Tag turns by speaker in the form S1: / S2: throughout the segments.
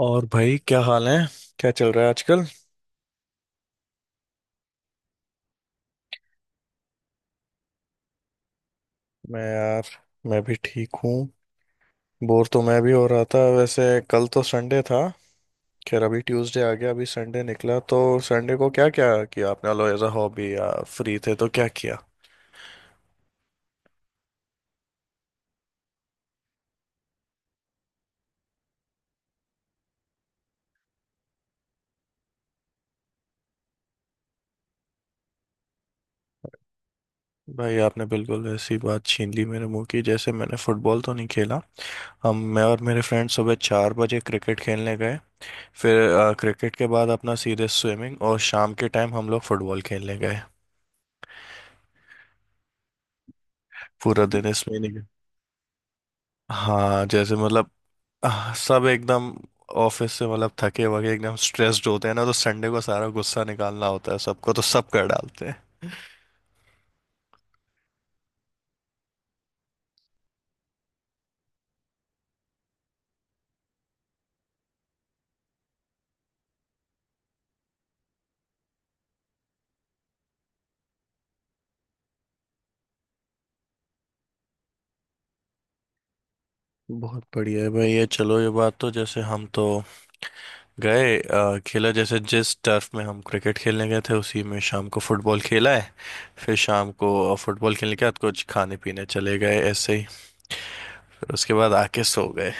S1: और भाई, क्या हाल है। क्या चल रहा है आजकल। मैं यार, मैं भी ठीक हूँ। बोर तो मैं भी हो रहा था वैसे। कल तो संडे था। खैर, अभी ट्यूसडे आ गया, अभी संडे निकला तो संडे को क्या क्या किया आपने? लो एज अ हॉबी, या फ्री थे तो क्या किया? भाई, आपने बिल्कुल ऐसी बात छीन ली मेरे मुंह की। जैसे मैंने फुटबॉल तो नहीं खेला। हम, मैं और मेरे फ्रेंड सुबह 4 बजे क्रिकेट खेलने गए। फिर क्रिकेट के बाद अपना सीधे स्विमिंग, और शाम के टाइम हम लोग फुटबॉल खेलने गए। पूरा दिन इसमें ही निकल। हाँ, जैसे मतलब सब एकदम। ऑफिस से मतलब थके वके एकदम स्ट्रेस्ड होते हैं ना, तो संडे को सारा गुस्सा निकालना होता है सबको, तो सब कर डालते हैं। बहुत बढ़िया है भाई ये। चलो, ये बात तो, जैसे हम तो गए खेला। जैसे जिस टर्फ में हम क्रिकेट खेलने गए थे उसी में शाम को फुटबॉल खेला है। फिर शाम को फुटबॉल खेलने के बाद कुछ खाने पीने चले गए ऐसे ही। फिर उसके बाद आके सो गए।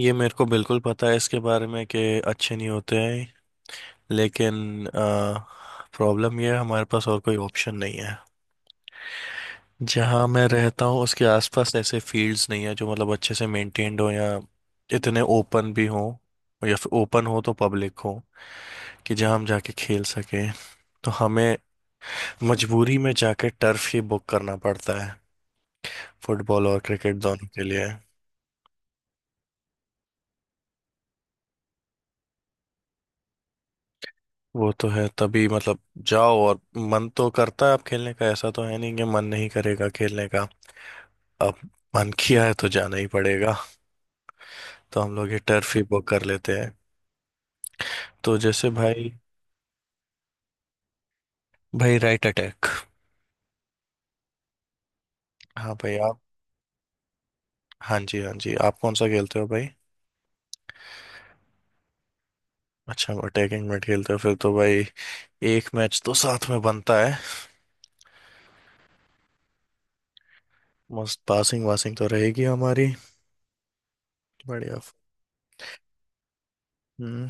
S1: ये मेरे को बिल्कुल पता है इसके बारे में, कि अच्छे नहीं होते हैं। लेकिन प्रॉब्लम ये है, हमारे पास और कोई ऑप्शन नहीं है। जहाँ मैं रहता हूँ उसके आसपास ऐसे फील्ड्स नहीं है जो मतलब अच्छे से मेंटेन्ड हो, या इतने ओपन भी हो, या फिर ओपन हो तो पब्लिक हो, कि जहाँ हम जाके खेल सकें। तो हमें मजबूरी में जाके टर्फ ही बुक करना पड़ता है, फुटबॉल और क्रिकेट दोनों के लिए। वो तो है तभी मतलब, जाओ, और मन तो करता है आप खेलने का, ऐसा तो है नहीं कि मन नहीं करेगा खेलने का। अब मन किया है तो जाना ही पड़ेगा, तो हम लोग ये टर्फ ही बुक कर लेते हैं। तो जैसे भाई, भाई राइट अटैक। हाँ भाई, आप? हाँ जी, हाँ जी। आप कौन सा खेलते हो भाई? अच्छा, अटैकिंग में खेलते हो फिर तो भाई, एक मैच तो साथ में बनता है। मस्त पासिंग वासिंग तो रहेगी हमारी। बढ़िया। हम्म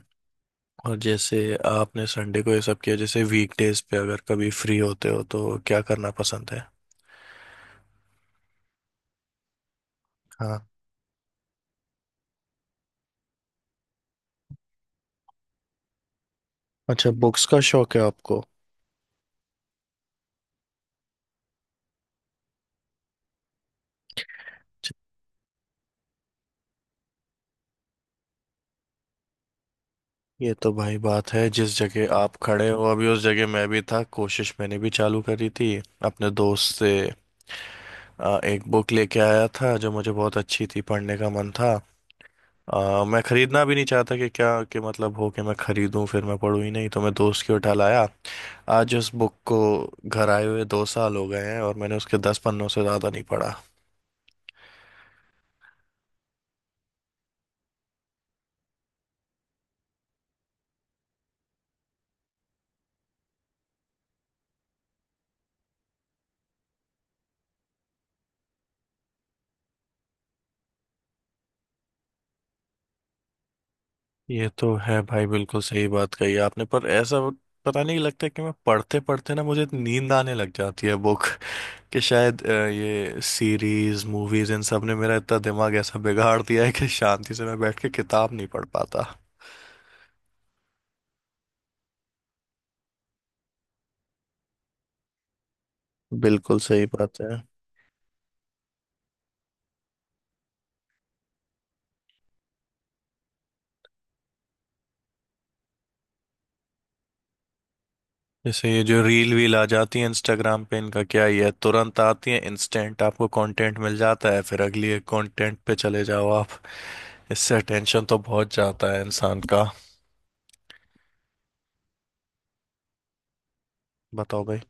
S1: और जैसे आपने संडे को ये सब किया, जैसे वीकडेज पे अगर कभी फ्री होते हो तो क्या करना पसंद है? हाँ। अच्छा, बुक्स का शौक है आपको? ये तो भाई बात है। जिस जगह आप खड़े हो अभी उस जगह मैं भी था, कोशिश मैंने भी चालू करी थी अपने दोस्त से। एक बुक लेके आया था जो मुझे बहुत अच्छी थी, पढ़ने का मन था। मैं खरीदना भी नहीं चाहता कि क्या कि मतलब हो कि मैं खरीदूं फिर मैं पढूं ही नहीं, तो मैं दोस्त की उठा लाया आज उस बुक को। घर आए हुए 2 साल हो गए हैं और मैंने उसके 10 पन्नों से ज्यादा नहीं पढ़ा। ये तो है भाई, बिल्कुल सही बात कही आपने। पर ऐसा, पता नहीं, लगता है कि मैं पढ़ते पढ़ते ना, मुझे नींद आने लग जाती है बुक, कि शायद ये सीरीज मूवीज इन सब ने मेरा इतना दिमाग ऐसा बिगाड़ दिया है कि शांति से मैं बैठ के किताब नहीं पढ़ पाता। बिल्कुल सही बात है। जैसे ये जो रील वील आ जाती है इंस्टाग्राम पे, इनका क्या ही है, तुरंत आती है, इंस्टेंट आपको कंटेंट मिल जाता है, फिर अगली कंटेंट पे चले जाओ आप। इससे अटेंशन तो बहुत जाता है इंसान का। बताओ भाई।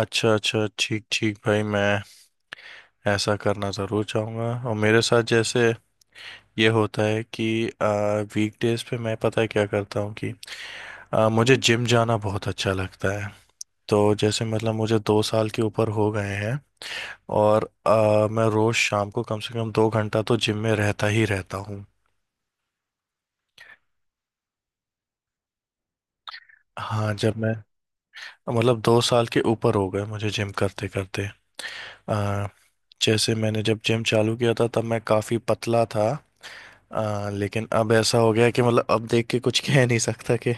S1: अच्छा अच्छा, ठीक ठीक भाई, मैं ऐसा करना ज़रूर चाहूँगा। और मेरे साथ जैसे ये होता है कि वीकडेज पे मैं, पता है क्या करता हूँ कि मुझे जिम जाना बहुत अच्छा लगता है। तो जैसे मतलब मुझे 2 साल के ऊपर हो गए हैं, और मैं रोज शाम को कम से कम 2 घंटा तो जिम में रहता ही रहता हूँ। हाँ, जब मैं, मतलब 2 साल के ऊपर हो गए मुझे जिम करते करते। अ, जैसे मैंने जब जिम चालू किया था तब मैं काफ़ी पतला था। लेकिन अब ऐसा हो गया कि मतलब अब देख के कुछ कह नहीं सकता कि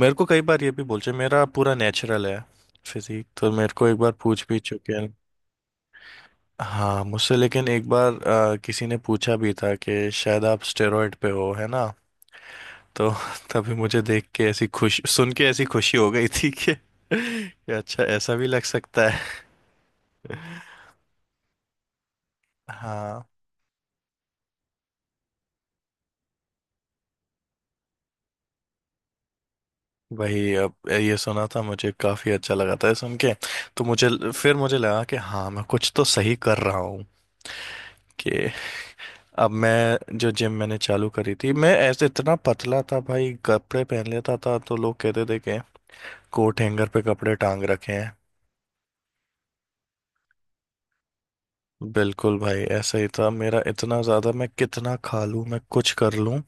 S1: मेरे को कई बार ये भी बोलते हैं, मेरा पूरा नेचुरल है फिजिक तो। मेरे को एक बार पूछ भी चुके हैं। हाँ, मुझसे लेकिन एक बार किसी ने पूछा भी था कि शायद आप स्टेरॉइड पे हो, है ना? तो तभी मुझे देख के ऐसी खुशी, सुन के ऐसी खुशी हो गई थी कि अच्छा ऐसा भी लग सकता है। हाँ, वही। अब ये सुना था, मुझे काफी अच्छा लगा था ये सुन के। तो मुझे, फिर मुझे लगा कि हाँ मैं कुछ तो सही कर रहा हूँ, कि अब मैं जो जिम मैंने चालू करी थी, मैं ऐसे इतना पतला था भाई, कपड़े पहन लेता था तो लोग कहते थे कि कोट हैंगर पे कपड़े टांग रखे हैं। बिल्कुल भाई, ऐसा ही था मेरा, इतना ज्यादा। मैं कितना खा लूं, मैं कुछ कर लूं,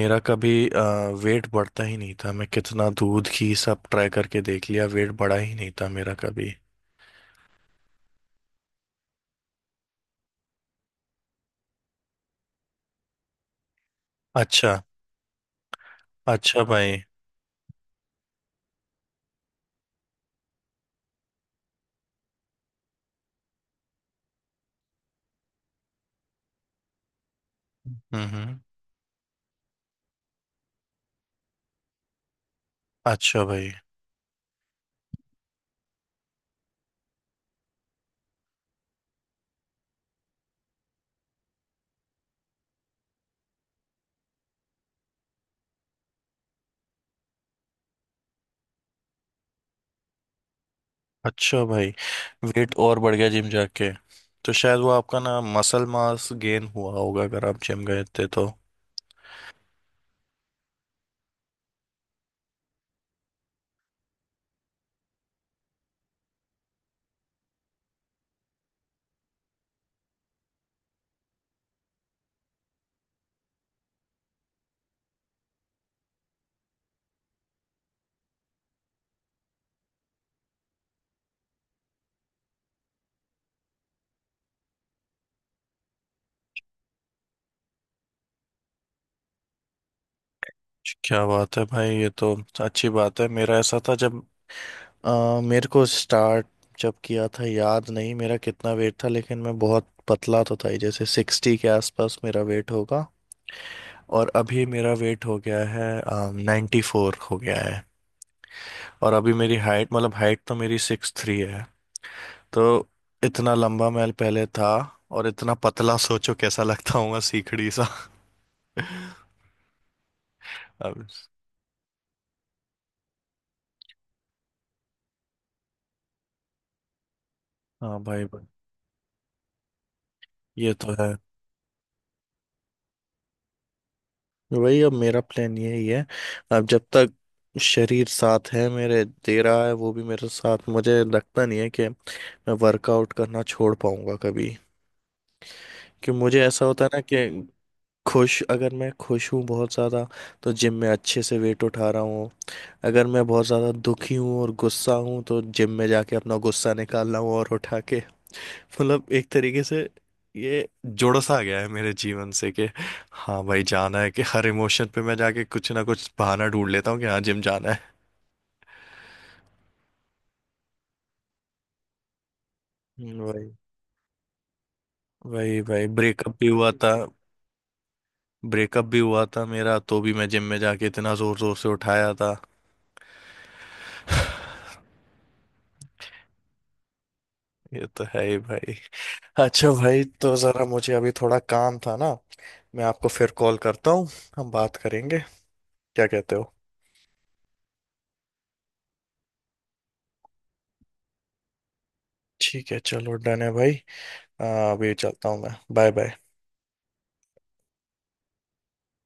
S1: मेरा कभी वेट बढ़ता ही नहीं था। मैं कितना दूध घी सब ट्राई करके देख लिया, वेट बढ़ा ही नहीं था मेरा कभी। अच्छा। अच्छा भाई। हम्म, हम्म। अच्छा भाई। अच्छा भाई, वेट और बढ़ गया जिम जाके? तो शायद वो आपका ना मसल मास गेन हुआ होगा, अगर आप जिम गए थे तो। क्या बात है भाई, ये तो अच्छी बात है। मेरा ऐसा था जब मेरे को स्टार्ट जब किया था, याद नहीं मेरा कितना वेट था, लेकिन मैं बहुत पतला तो था ही, जैसे 60 के आसपास मेरा वेट होगा। और अभी मेरा वेट हो गया है, 94 हो गया है। और अभी मेरी हाइट, मतलब हाइट तो मेरी सिक्स थ्री है। तो इतना लंबा मैं पहले था, और इतना पतला, सोचो कैसा लगता हूँ सीखड़ी सा। अब हाँ भाई। भाई, ये तो है। वही, अब मेरा प्लान यही है। अब जब तक शरीर साथ है मेरे, दे रहा है वो भी मेरे साथ, मुझे लगता नहीं है कि मैं वर्कआउट करना छोड़ पाऊंगा कभी। कि मुझे ऐसा होता है ना कि खुश अगर मैं खुश हूँ बहुत ज़्यादा, तो जिम में अच्छे से वेट उठा रहा हूँ। अगर मैं बहुत ज़्यादा दुखी हूँ और गुस्सा हूँ तो जिम में जाके अपना गुस्सा निकाल रहा हूँ और उठा के। मतलब एक तरीके से ये जुड़ सा गया है मेरे जीवन से, कि हाँ भाई, जाना है, कि हर इमोशन पे मैं जाके कुछ ना कुछ बहाना ढूंढ लेता हूँ कि हाँ जिम जाना है। वही, वही भाई, ब्रेकअप भी हुआ था। ब्रेकअप भी हुआ था मेरा, तो भी मैं जिम में जाके इतना जोर जोर से उठाया था। ये तो है ही भाई। अच्छा भाई, तो जरा मुझे अभी थोड़ा काम था ना। मैं आपको फिर कॉल करता हूँ। हम बात करेंगे। क्या कहते हो? ठीक है, चलो, डन है भाई। आ, अभी चलता हूँ मैं। Bye bye.